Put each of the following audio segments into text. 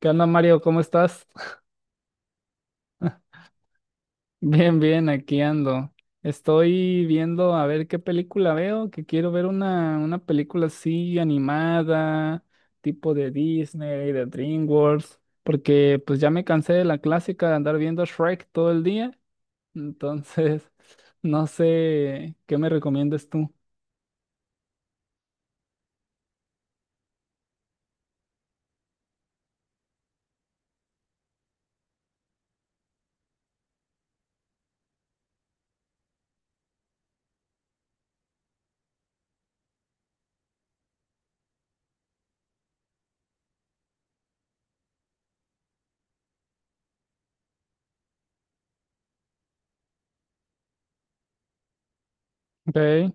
¿Qué onda, Mario? ¿Cómo estás? Bien, bien, aquí ando. Estoy viendo a ver qué película veo, que quiero ver una película así animada, tipo de Disney, de DreamWorks, porque pues ya me cansé de la clásica de andar viendo Shrek todo el día. Entonces, no sé qué me recomiendas tú. Ok.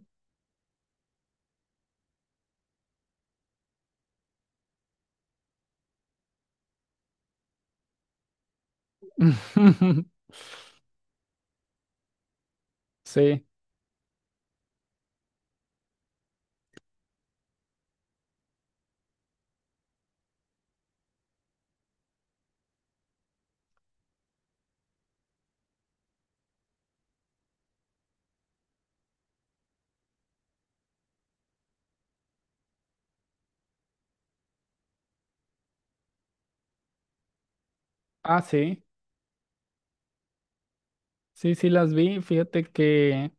Sí. Ah, sí. Sí, sí las vi. Fíjate que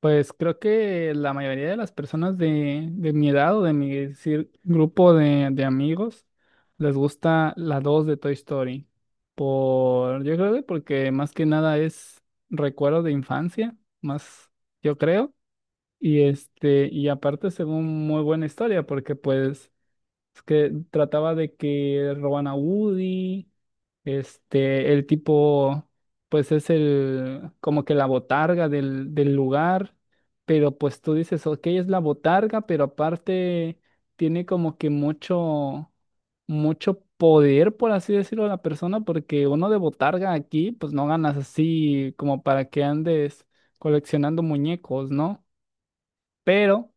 pues creo que la mayoría de las personas de mi edad o de mi grupo de amigos les gusta la 2 de Toy Story. Por, yo creo que porque más que nada es recuerdo de infancia, más yo creo. Y este, y aparte según muy buena historia, porque pues es que trataba de que roban a Woody, este, el tipo, pues es el, como que la botarga del lugar, pero pues tú dices, ok, es la botarga, pero aparte tiene como que mucho, mucho poder, por así decirlo, la persona, porque uno de botarga aquí, pues no ganas así como para que andes coleccionando muñecos, ¿no? Pero,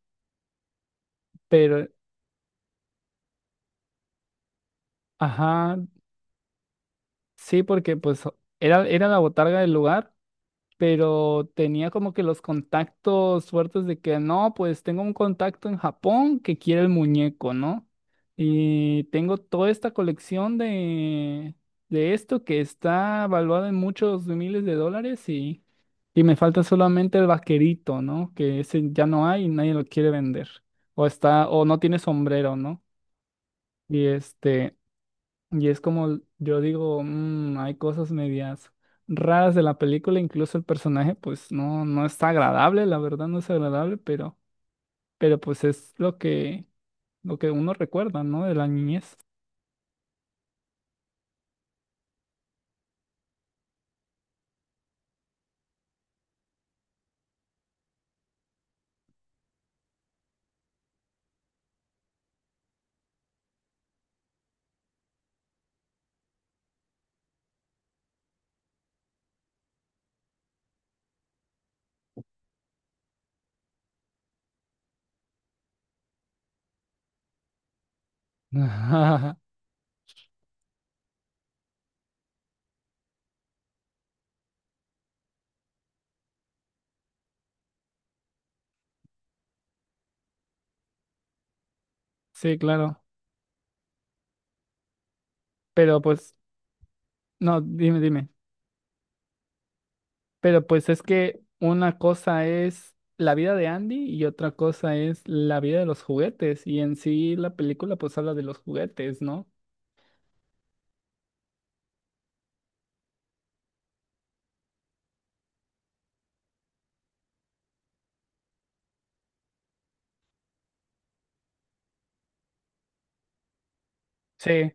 pero, ajá. Sí, porque pues era la botarga del lugar, pero tenía como que los contactos fuertes de que no, pues tengo un contacto en Japón que quiere el muñeco, ¿no? Y tengo toda esta colección de esto, que está valuada en muchos miles de dólares, y me falta solamente el vaquerito, ¿no? Que ese ya no hay y nadie lo quiere vender. O está, o no tiene sombrero, ¿no? Y este. Y es como yo digo, "Mm, hay cosas medias raras de la película, incluso el personaje pues no, no está agradable, la verdad no es agradable, pero, pues es lo que uno recuerda, ¿no? De la niñez." Sí, claro. Pero pues, no, dime, dime. Pero pues es que una cosa es la vida de Andy y otra cosa es la vida de los juguetes. Y en sí la película pues habla de los juguetes, ¿no? Sí.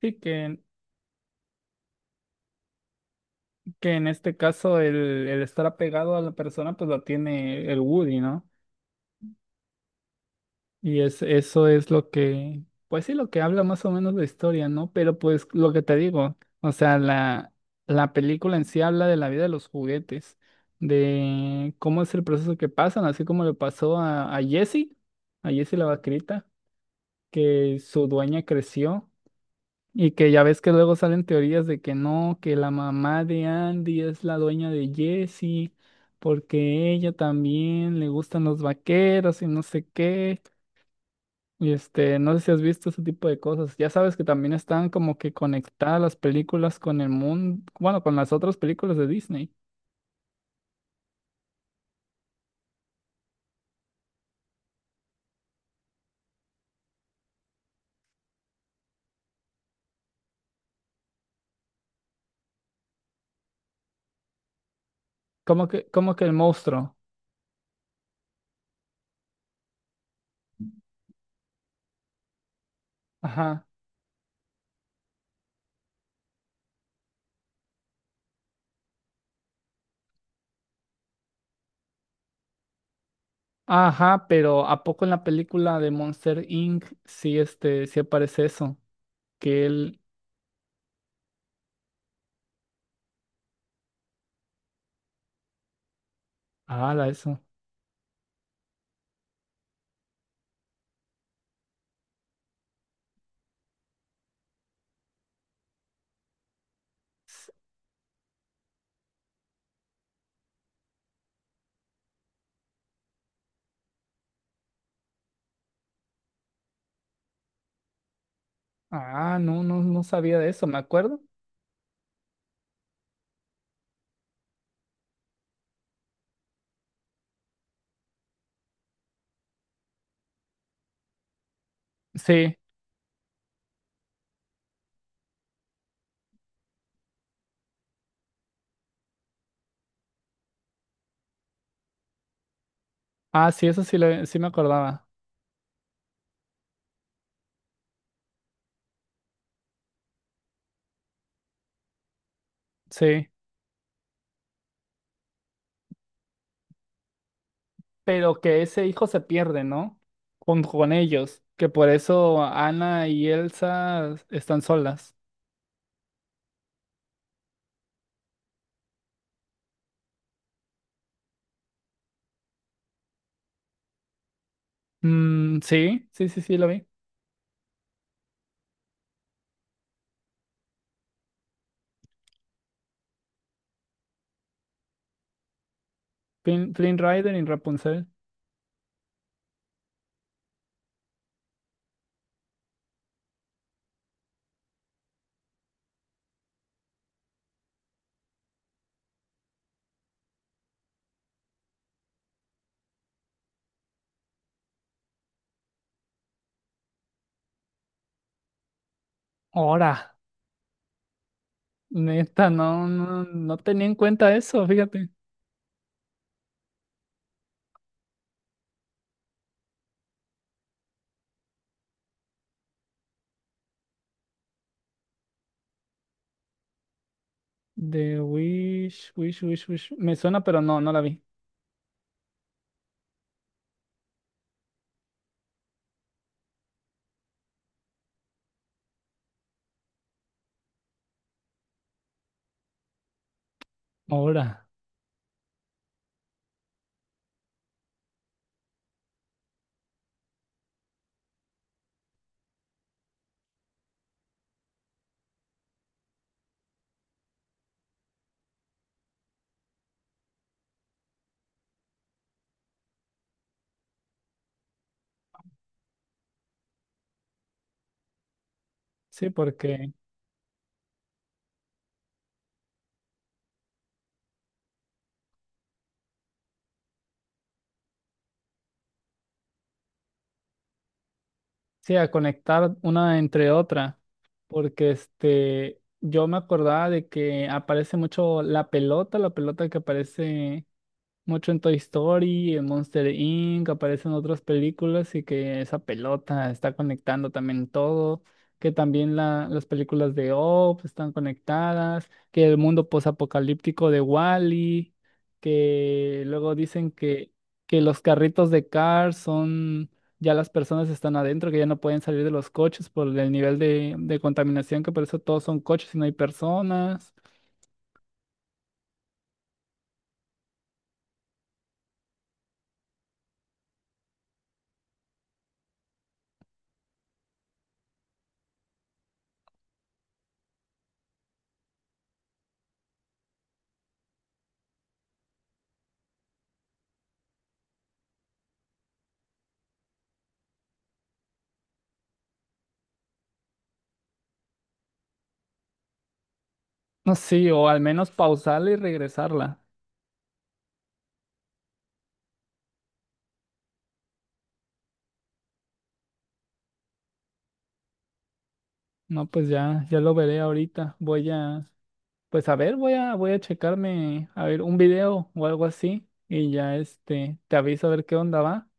Sí, que en este caso el estar apegado a la persona pues lo tiene el Woody, ¿no? Y eso es lo que, pues sí, lo que habla más o menos la historia, ¿no? Pero pues lo que te digo, o sea, la película en sí habla de la vida de los juguetes, de cómo es el proceso que pasan, así como le pasó a Jessie, a Jessie la vaquerita, que su dueña creció. Y que ya ves que luego salen teorías de que no, que la mamá de Andy es la dueña de Jesse, porque ella también le gustan los vaqueros y no sé qué. Y este, no sé si has visto ese tipo de cosas. Ya sabes que también están como que conectadas las películas con el mundo, bueno, con las otras películas de Disney. Como que el monstruo. Ajá. Ajá, pero ¿a poco en la película de Monster Inc. sí este, sí aparece eso? Que él. Ah, la eso. Ah, no, no, no sabía de eso, ¿me acuerdo? Sí. Ah, sí, eso sí, sí me acordaba. Sí. Pero que ese hijo se pierde, ¿no? Con ellos. Que por eso Ana y Elsa están solas. Mm, sí, sí, sí, sí, lo vi. Flynn Rider y Rapunzel. Ahora, neta, no, no, no tenía en cuenta eso, fíjate. The Wish. Me suena, pero no, no la vi. Ahora. Sí, a conectar una entre otra, porque este, yo me acordaba de que aparece mucho la pelota que aparece mucho en Toy Story, en Monster Inc., aparecen otras películas y que esa pelota está conectando también todo, que también las películas de Up están conectadas, que el mundo posapocalíptico de Wall-E, que luego dicen que los carritos de Cars son, ya las personas están adentro, que ya no pueden salir de los coches por el nivel de contaminación, que por eso todos son coches y no hay personas. No, sí, o al menos pausarla y regresarla. No, pues ya, ya lo veré ahorita. Pues a ver, voy a checarme, a ver, un video o algo así. Y ya este, te aviso a ver qué onda va.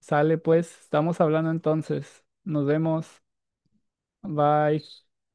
Sale pues, estamos hablando entonces. Nos vemos. Bye.